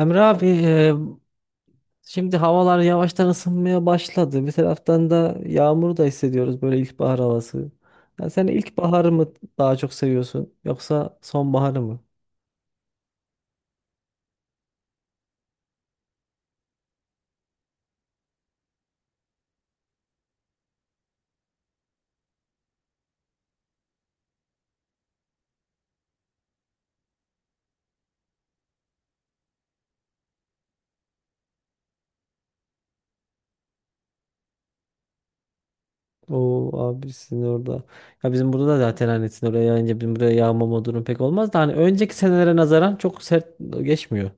Emre abi şimdi havalar yavaştan ısınmaya başladı. Bir taraftan da yağmur da hissediyoruz böyle ilkbahar havası. Ya sen ilkbaharı mı daha çok seviyorsun yoksa sonbaharı mı? Oo abi sizin orada. Ya bizim burada da zaten hani sizin oraya yayınca bizim buraya yağmama durum pek olmaz da hani önceki senelere nazaran çok sert geçmiyor.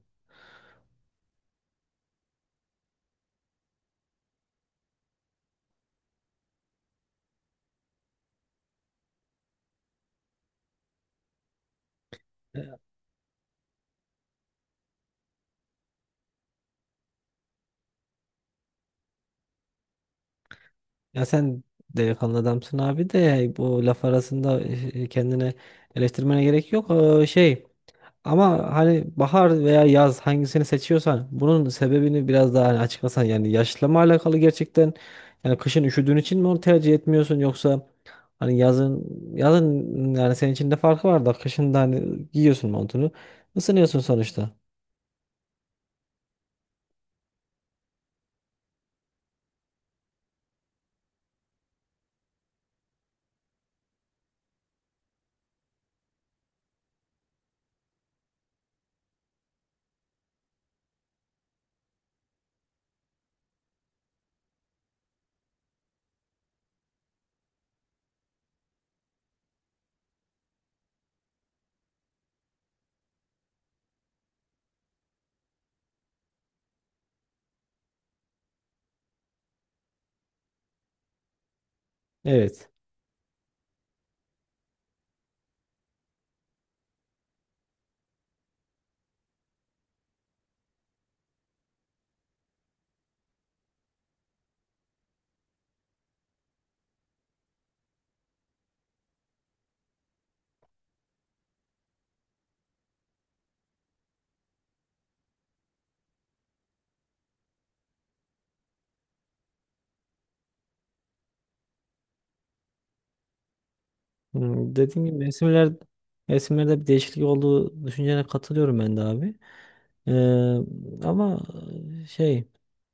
Ya sen delikanlı adamsın abi de yani bu laf arasında kendine eleştirmene gerek yok. Ama hani bahar veya yaz hangisini seçiyorsan bunun sebebini biraz daha hani açıklasan yani yaşla mı alakalı gerçekten yani kışın üşüdüğün için mi onu tercih etmiyorsun yoksa hani yazın yani senin için de farkı var da kışın da hani giyiyorsun montunu ısınıyorsun sonuçta. Evet. Dediğim gibi resimlerde bir değişiklik olduğu düşüncene katılıyorum ben de abi. Ee, Ama e, şey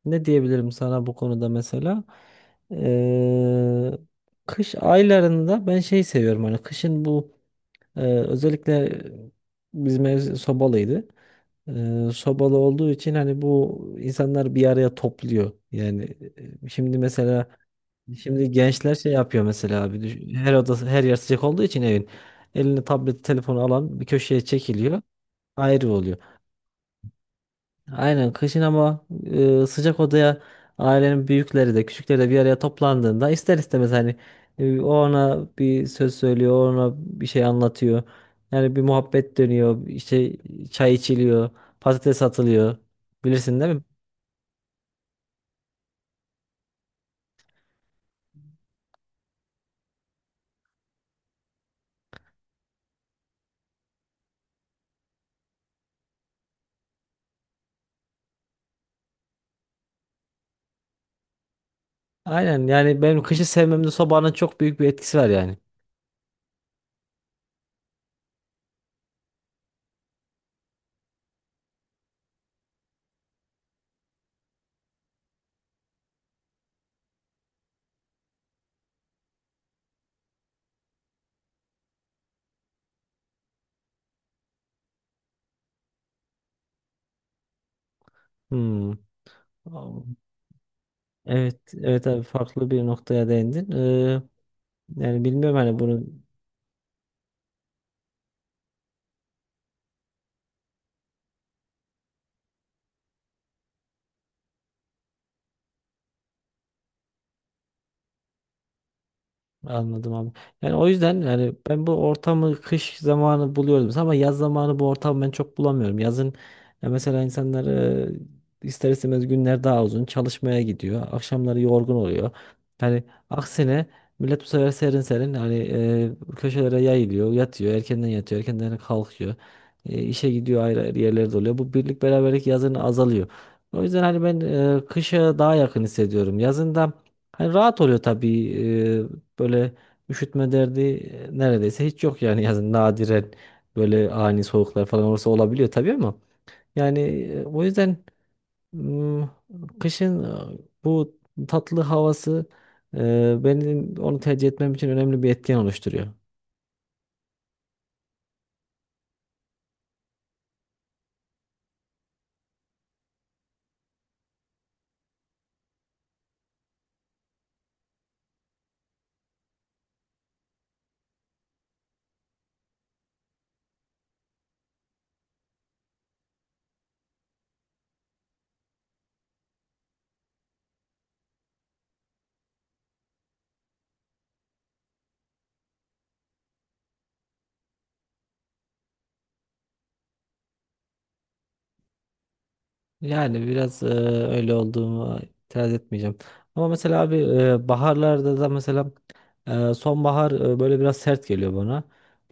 ne diyebilirim sana bu konuda mesela. Ee, Kış aylarında ben seviyorum hani kışın bu özellikle bizim ev sobalıydı. Sobalı olduğu için hani bu insanlar bir araya topluyor. Yani şimdi mesela. Şimdi gençler şey yapıyor mesela abi. Her odası her yer sıcak olduğu için evin. Eline tablet telefonu alan bir köşeye çekiliyor. Ayrı oluyor. Aynen kışın ama sıcak odaya ailenin büyükleri de küçükleri de bir araya toplandığında ister istemez hani o ona bir söz söylüyor, o ona bir şey anlatıyor. Yani bir muhabbet dönüyor, işte çay içiliyor, patates atılıyor. Bilirsin değil mi? Aynen yani benim kışı sevmemde sobanın çok büyük bir etkisi var yani. Hmm. Evet, evet abi farklı bir noktaya değindin. Yani bilmiyorum hani bunu. Anladım abi. Yani o yüzden yani ben bu ortamı kış zamanı buluyordum ama yaz zamanı bu ortamı ben çok bulamıyorum. Yazın ya mesela insanlar ister istemez günler daha uzun çalışmaya gidiyor. Akşamları yorgun oluyor. Yani aksine millet bu sefer serin serin hani köşelere yayılıyor, yatıyor, erkenden yatıyor, erkenden kalkıyor. İşe gidiyor ayrı ayrı yerlerde oluyor. Bu birlik beraberlik yazın azalıyor. O yüzden hani ben kışa daha yakın hissediyorum. Yazında hani rahat oluyor tabii. Böyle üşütme derdi neredeyse hiç yok yani yazın nadiren böyle ani soğuklar falan olursa olabiliyor tabii ama yani o yüzden m, kışın bu tatlı havası benim onu tercih etmem için önemli bir etken oluşturuyor. Yani biraz öyle olduğumu itiraz etmeyeceğim. Ama mesela abi baharlarda da mesela sonbahar böyle biraz sert geliyor bana.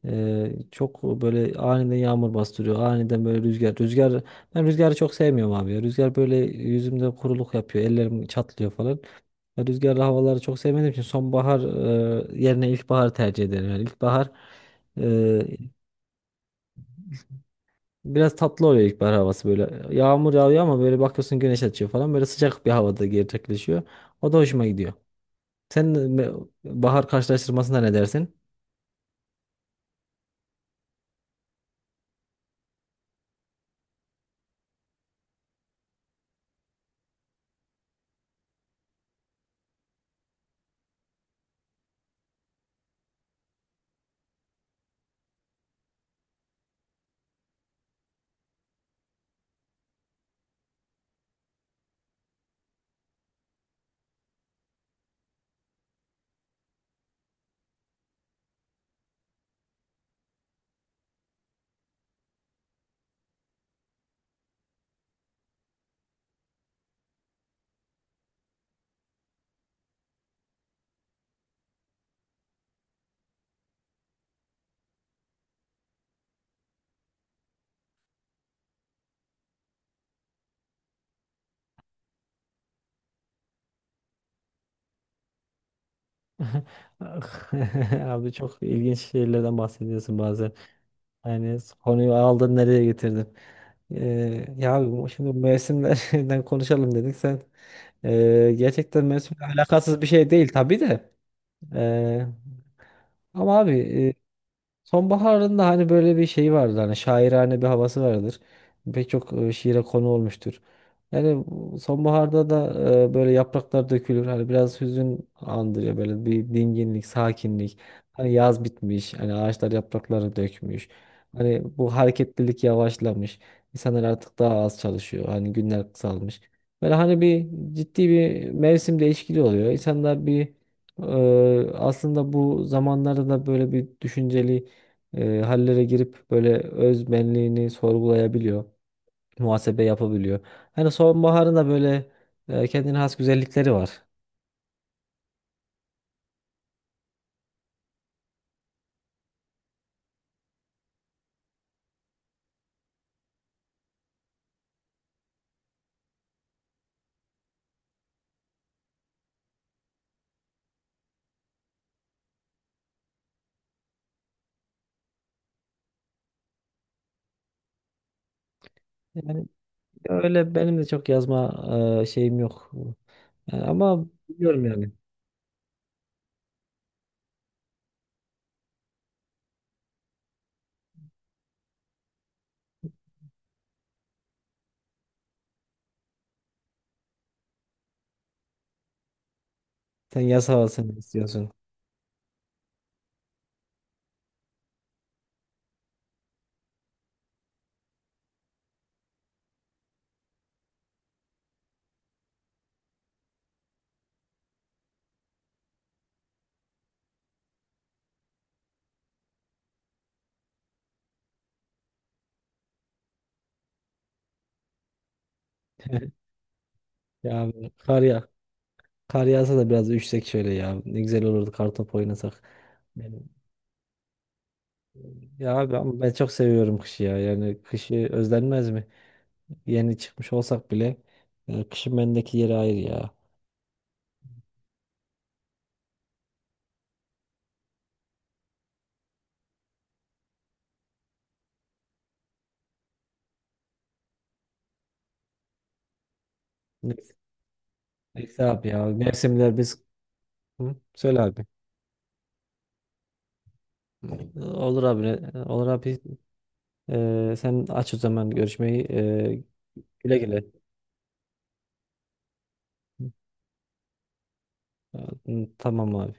Çok böyle aniden yağmur bastırıyor. Aniden böyle rüzgar. Rüzgar, ben rüzgarı çok sevmiyorum abi ya. Rüzgar böyle yüzümde kuruluk yapıyor. Ellerim çatlıyor falan. Ya rüzgarlı havaları çok sevmediğim için sonbahar yerine ilkbaharı tercih ederim. Yani ilkbahar biraz tatlı oluyor ilkbahar havası böyle. Yağmur yağıyor ama böyle bakıyorsun güneş açıyor falan. Böyle sıcak bir havada gerçekleşiyor. O da hoşuma gidiyor. Sen bahar karşılaştırmasına ne dersin? Abi çok ilginç şeylerden bahsediyorsun bazen. Yani konuyu aldın nereye getirdin? Ya şimdi mevsimlerden konuşalım dedik. Sen gerçekten mevsimle alakasız bir şey değil tabii de. Ee, Ama abi sonbaharın da hani böyle bir şeyi vardır. Hani şairane bir havası vardır. Pek çok şiire konu olmuştur. Yani bu sonbaharda da böyle yapraklar dökülür. Hani biraz hüzün andırıyor böyle bir dinginlik, sakinlik. Hani yaz bitmiş, hani ağaçlar yapraklarını dökmüş. Hani bu hareketlilik yavaşlamış. İnsanlar artık daha az çalışıyor. Hani günler kısalmış. Böyle hani bir ciddi bir mevsim değişikliği oluyor. İnsanlar bir aslında bu zamanlarda da böyle bir düşünceli hallere girip böyle öz benliğini sorgulayabiliyor, muhasebe yapabiliyor. Hani sonbaharın da böyle kendine has güzellikleri var. Yani öyle benim de çok yazma şeyim yok. Yani ama biliyorum yani. Sen yaz havasını istiyorsun. Ya abi, kar ya kar yağsa da biraz üşsek şöyle ya. Ne güzel olurdu kartop oynasak. Yani, ya abi ama ben çok seviyorum kışı ya. Yani kışı özlenmez mi? Yeni çıkmış olsak bile kışın bendeki yeri ayrı ya. Neyse, neyse abi ya. Mevsimler biz... Hı? Söyle abi. Olur abi. Olur abi. Sen aç o zaman görüşmeyi. Güle güle. Tamam abi.